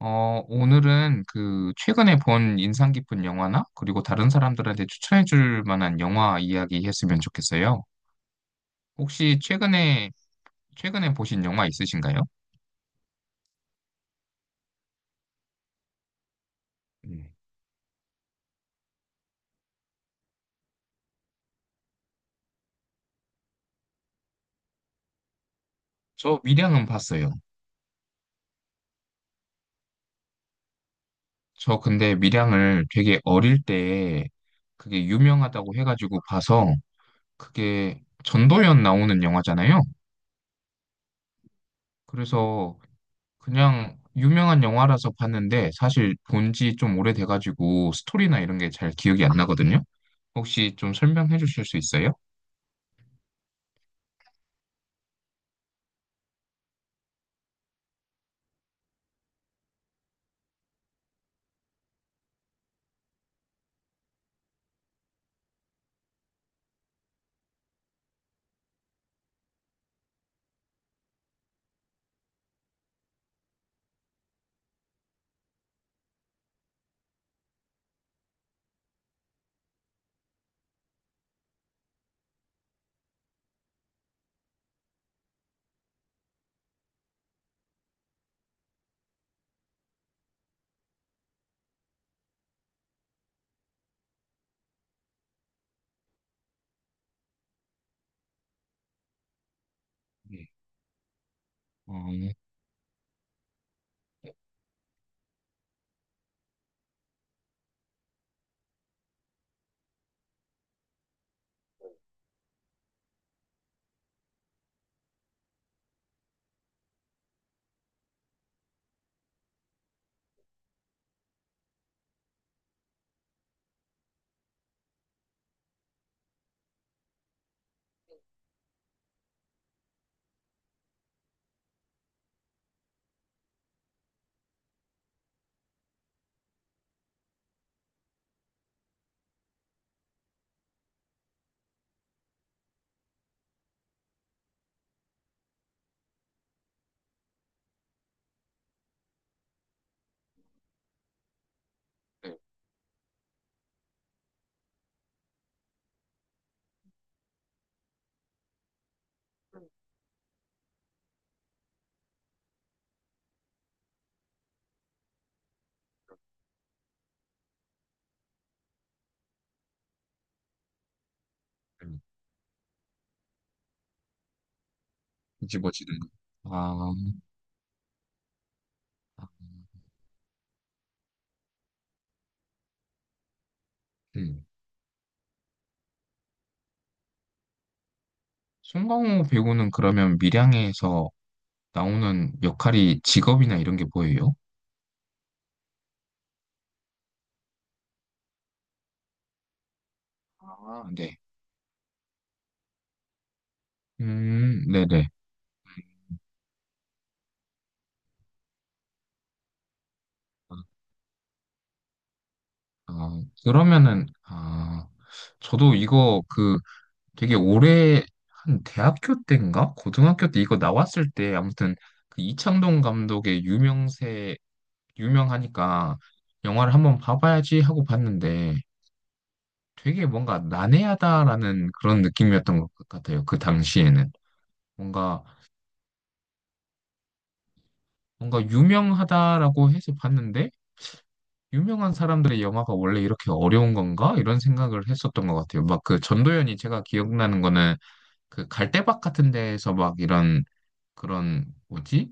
오늘은 그 최근에 본 인상 깊은 영화나 그리고 다른 사람들한테 추천해 줄 만한 영화 이야기 했으면 좋겠어요. 혹시 최근에 보신 영화 있으신가요? 네. 저 밀양은 봤어요. 저 근데 밀양을 되게 어릴 때 그게 유명하다고 해가지고 봐서 그게 전도연 나오는 영화잖아요. 그래서 그냥 유명한 영화라서 봤는데 사실 본지 좀 오래돼가지고 스토리나 이런 게 잘 기억이 안 나거든요. 혹시 좀 설명해 주실 수 있어요? 네. 어, 네. 뒤집어지는 거. 아, 아. 음. 송강호 배우는 그러면 밀양에서 나오는 역할이 직업이나 이런 게 보여요? 아, 네. 네네. 아, 아, 그러면은, 아, 저도 이거 그 되게 오래, 한 대학교 때인가? 고등학교 때 이거 나왔을 때 아무튼 그 이창동 감독의 유명세, 유명하니까 영화를 한번 봐봐야지 하고 봤는데 되게 뭔가 난해하다라는 그런 느낌이었던 것 같아요. 그 당시에는 뭔가 뭔가 유명하다라고 해서 봤는데 유명한 사람들의 영화가 원래 이렇게 어려운 건가? 이런 생각을 했었던 것 같아요. 막, 그 전도연이 제가 기억나는 거는 그 갈대밭 같은 데에서 막 이런, 그런 뭐지,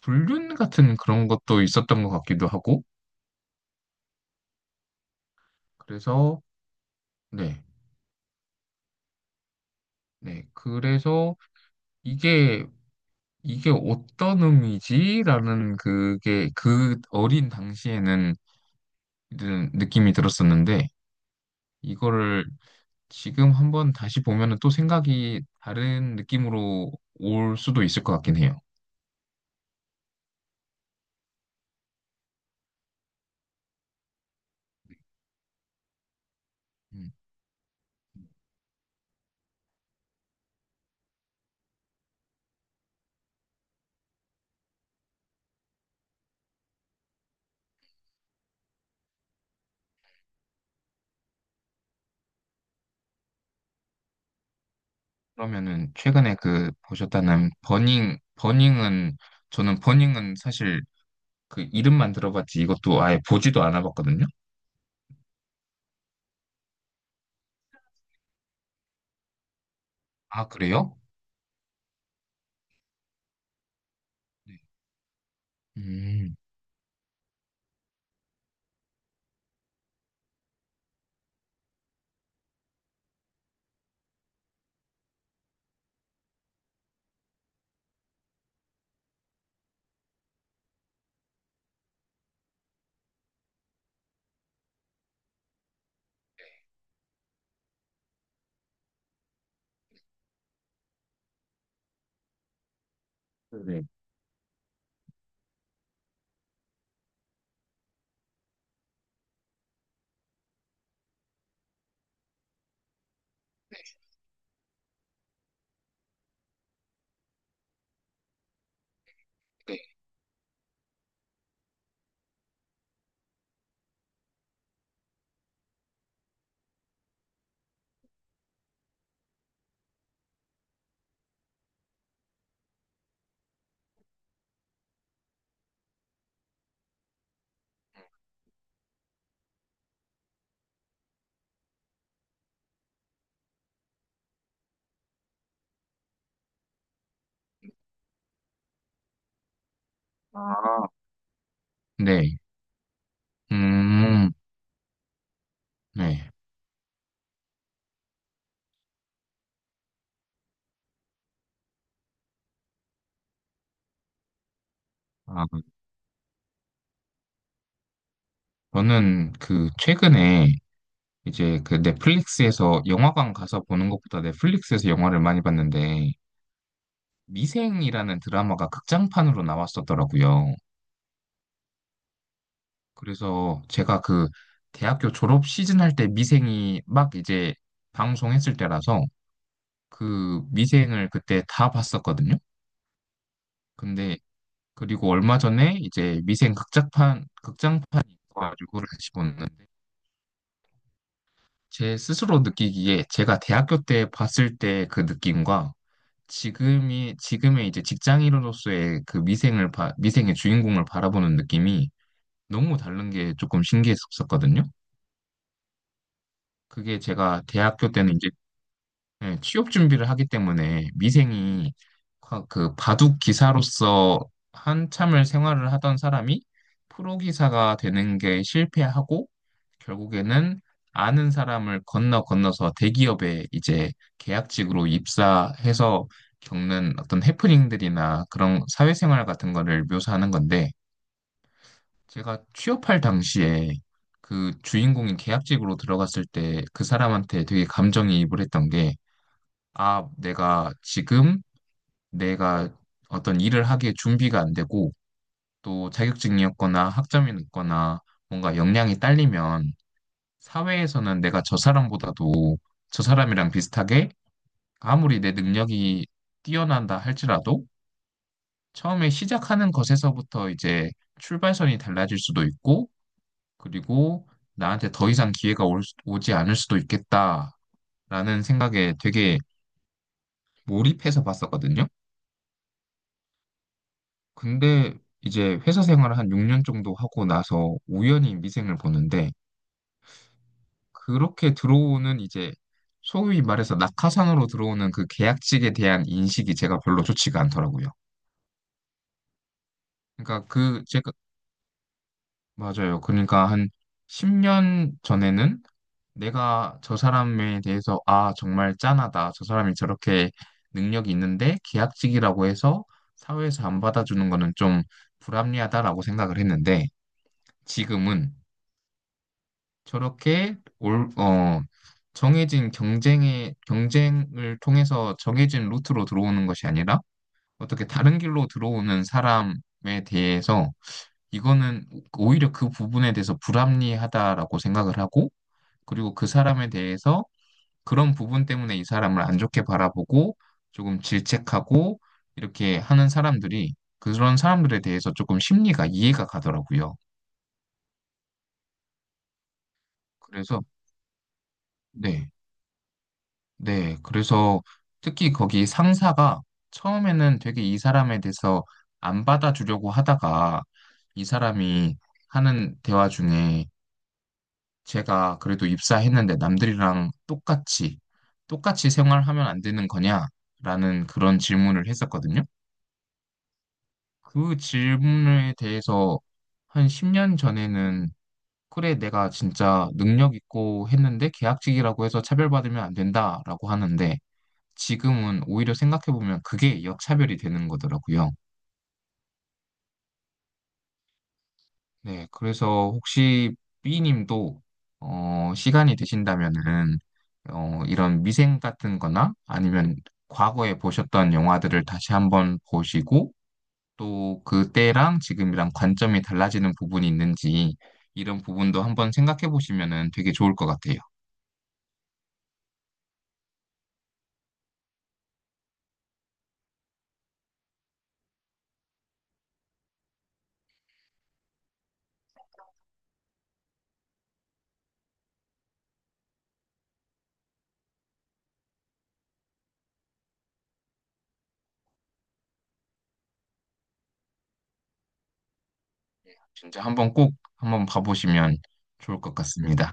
불균 같은 그런 것도 있었던 것 같기도 하고. 그래서, 네, 네, 그래서 이게, 이게 어떤 의미지라는, 그게 그 어린 당시에는 이런 느낌이 들었었는데, 이거를 지금 한번 다시 보면은 또 생각이 다른 느낌으로 올 수도 있을 것 같긴 해요. 음, 그러면은 최근에 그 보셨다는 버닝, 버닝은, 저는 버닝은 사실 그 이름만 들어봤지 이것도 아예 보지도 않아봤거든요. 아, 그래요? 네. 음, 네네. 아, 네. 음, 네. 아, 저는 그 최근에 이제 그 넷플릭스에서, 영화관 가서 보는 것보다 넷플릭스에서 영화를 많이 봤는데 미생이라는 드라마가 극장판으로 나왔었더라고요. 그래서 제가 그 대학교 졸업 시즌 할 때 미생이 막 이제 방송했을 때라서 그 미생을 그때 다 봤었거든요. 근데 그리고 얼마 전에 이제 미생 극장판이 있어가지고 다시 봤는데, 제 스스로 느끼기에 제가 대학교 때 봤을 때 그 느낌과 지금의, 이제 직장인으로서의 그 미생의 주인공을 바라보는 느낌이 너무 다른 게 조금 신기했었거든요. 그게 제가 대학교 때는 이제, 네, 취업 준비를 하기 때문에 미생이, 그 바둑 기사로서 한참을 생활을 하던 사람이 프로 기사가 되는 게 실패하고 결국에는 아는 사람을 건너 건너서 대기업에 이제 계약직으로 입사해서 겪는 어떤 해프닝들이나 그런 사회생활 같은 거를 묘사하는 건데, 제가 취업할 당시에 그 주인공이 계약직으로 들어갔을 때 그 사람한테 되게 감정이입을 했던 게, 아, 내가 지금, 내가 어떤 일을 하기에 준비가 안 되고 또 자격증이 없거나 학점이 높거나 뭔가 역량이 딸리면 사회에서는 내가 저 사람보다도, 저 사람이랑 비슷하게, 아무리 내 능력이 뛰어난다 할지라도 처음에 시작하는 것에서부터 이제 출발선이 달라질 수도 있고, 그리고 나한테 더 이상 기회가 오지 않을 수도 있겠다라는 생각에 되게 몰입해서 봤었거든요. 근데 이제 회사 생활을 한 6년 정도 하고 나서 우연히 미생을 보는데 그렇게 들어오는, 이제 소위 말해서 낙하산으로 들어오는 그 계약직에 대한 인식이 제가 별로 좋지가 않더라고요. 그러니까 그, 제가, 맞아요. 그러니까 한 10년 전에는 내가 저 사람에 대해서, 아, 정말 짠하다, 저 사람이 저렇게 능력이 있는데 계약직이라고 해서 사회에서 안 받아주는 거는 좀 불합리하다라고 생각을 했는데, 지금은 저렇게, 정해진 경쟁을 통해서 정해진 루트로 들어오는 것이 아니라 어떻게 다른 길로 들어오는 사람에 대해서, 이거는 오히려 그 부분에 대해서 불합리하다라고 생각을 하고, 그리고 그 사람에 대해서 그런 부분 때문에 이 사람을 안 좋게 바라보고 조금 질책하고 이렇게 하는 사람들이, 그런 사람들에 대해서 조금 심리가 이해가 가더라고요. 그래서, 네. 네, 그래서 특히 거기 상사가 처음에는 되게 이 사람에 대해서 안 받아주려고 하다가, 이 사람이 하는 대화 중에 제가 그래도 입사했는데 남들이랑 똑같이 생활하면 안 되는 거냐라는 그런 질문을 했었거든요. 그 질문에 대해서 한 10년 전에는, 그래, 내가 진짜 능력 있고 했는데 계약직이라고 해서 차별받으면 안 된다라고 하는데, 지금은 오히려 생각해보면 그게 역차별이 되는 거더라고요. 네, 그래서 혹시 B님도, 시간이 되신다면은 이런 미생 같은 거나 아니면 과거에 보셨던 영화들을 다시 한번 보시고 또 그때랑 지금이랑 관점이 달라지는 부분이 있는지 이런 부분도 한번 생각해 보시면은 되게 좋을 것 같아요. 진짜 한번, 꼭 한번 봐보시면 좋을 것 같습니다.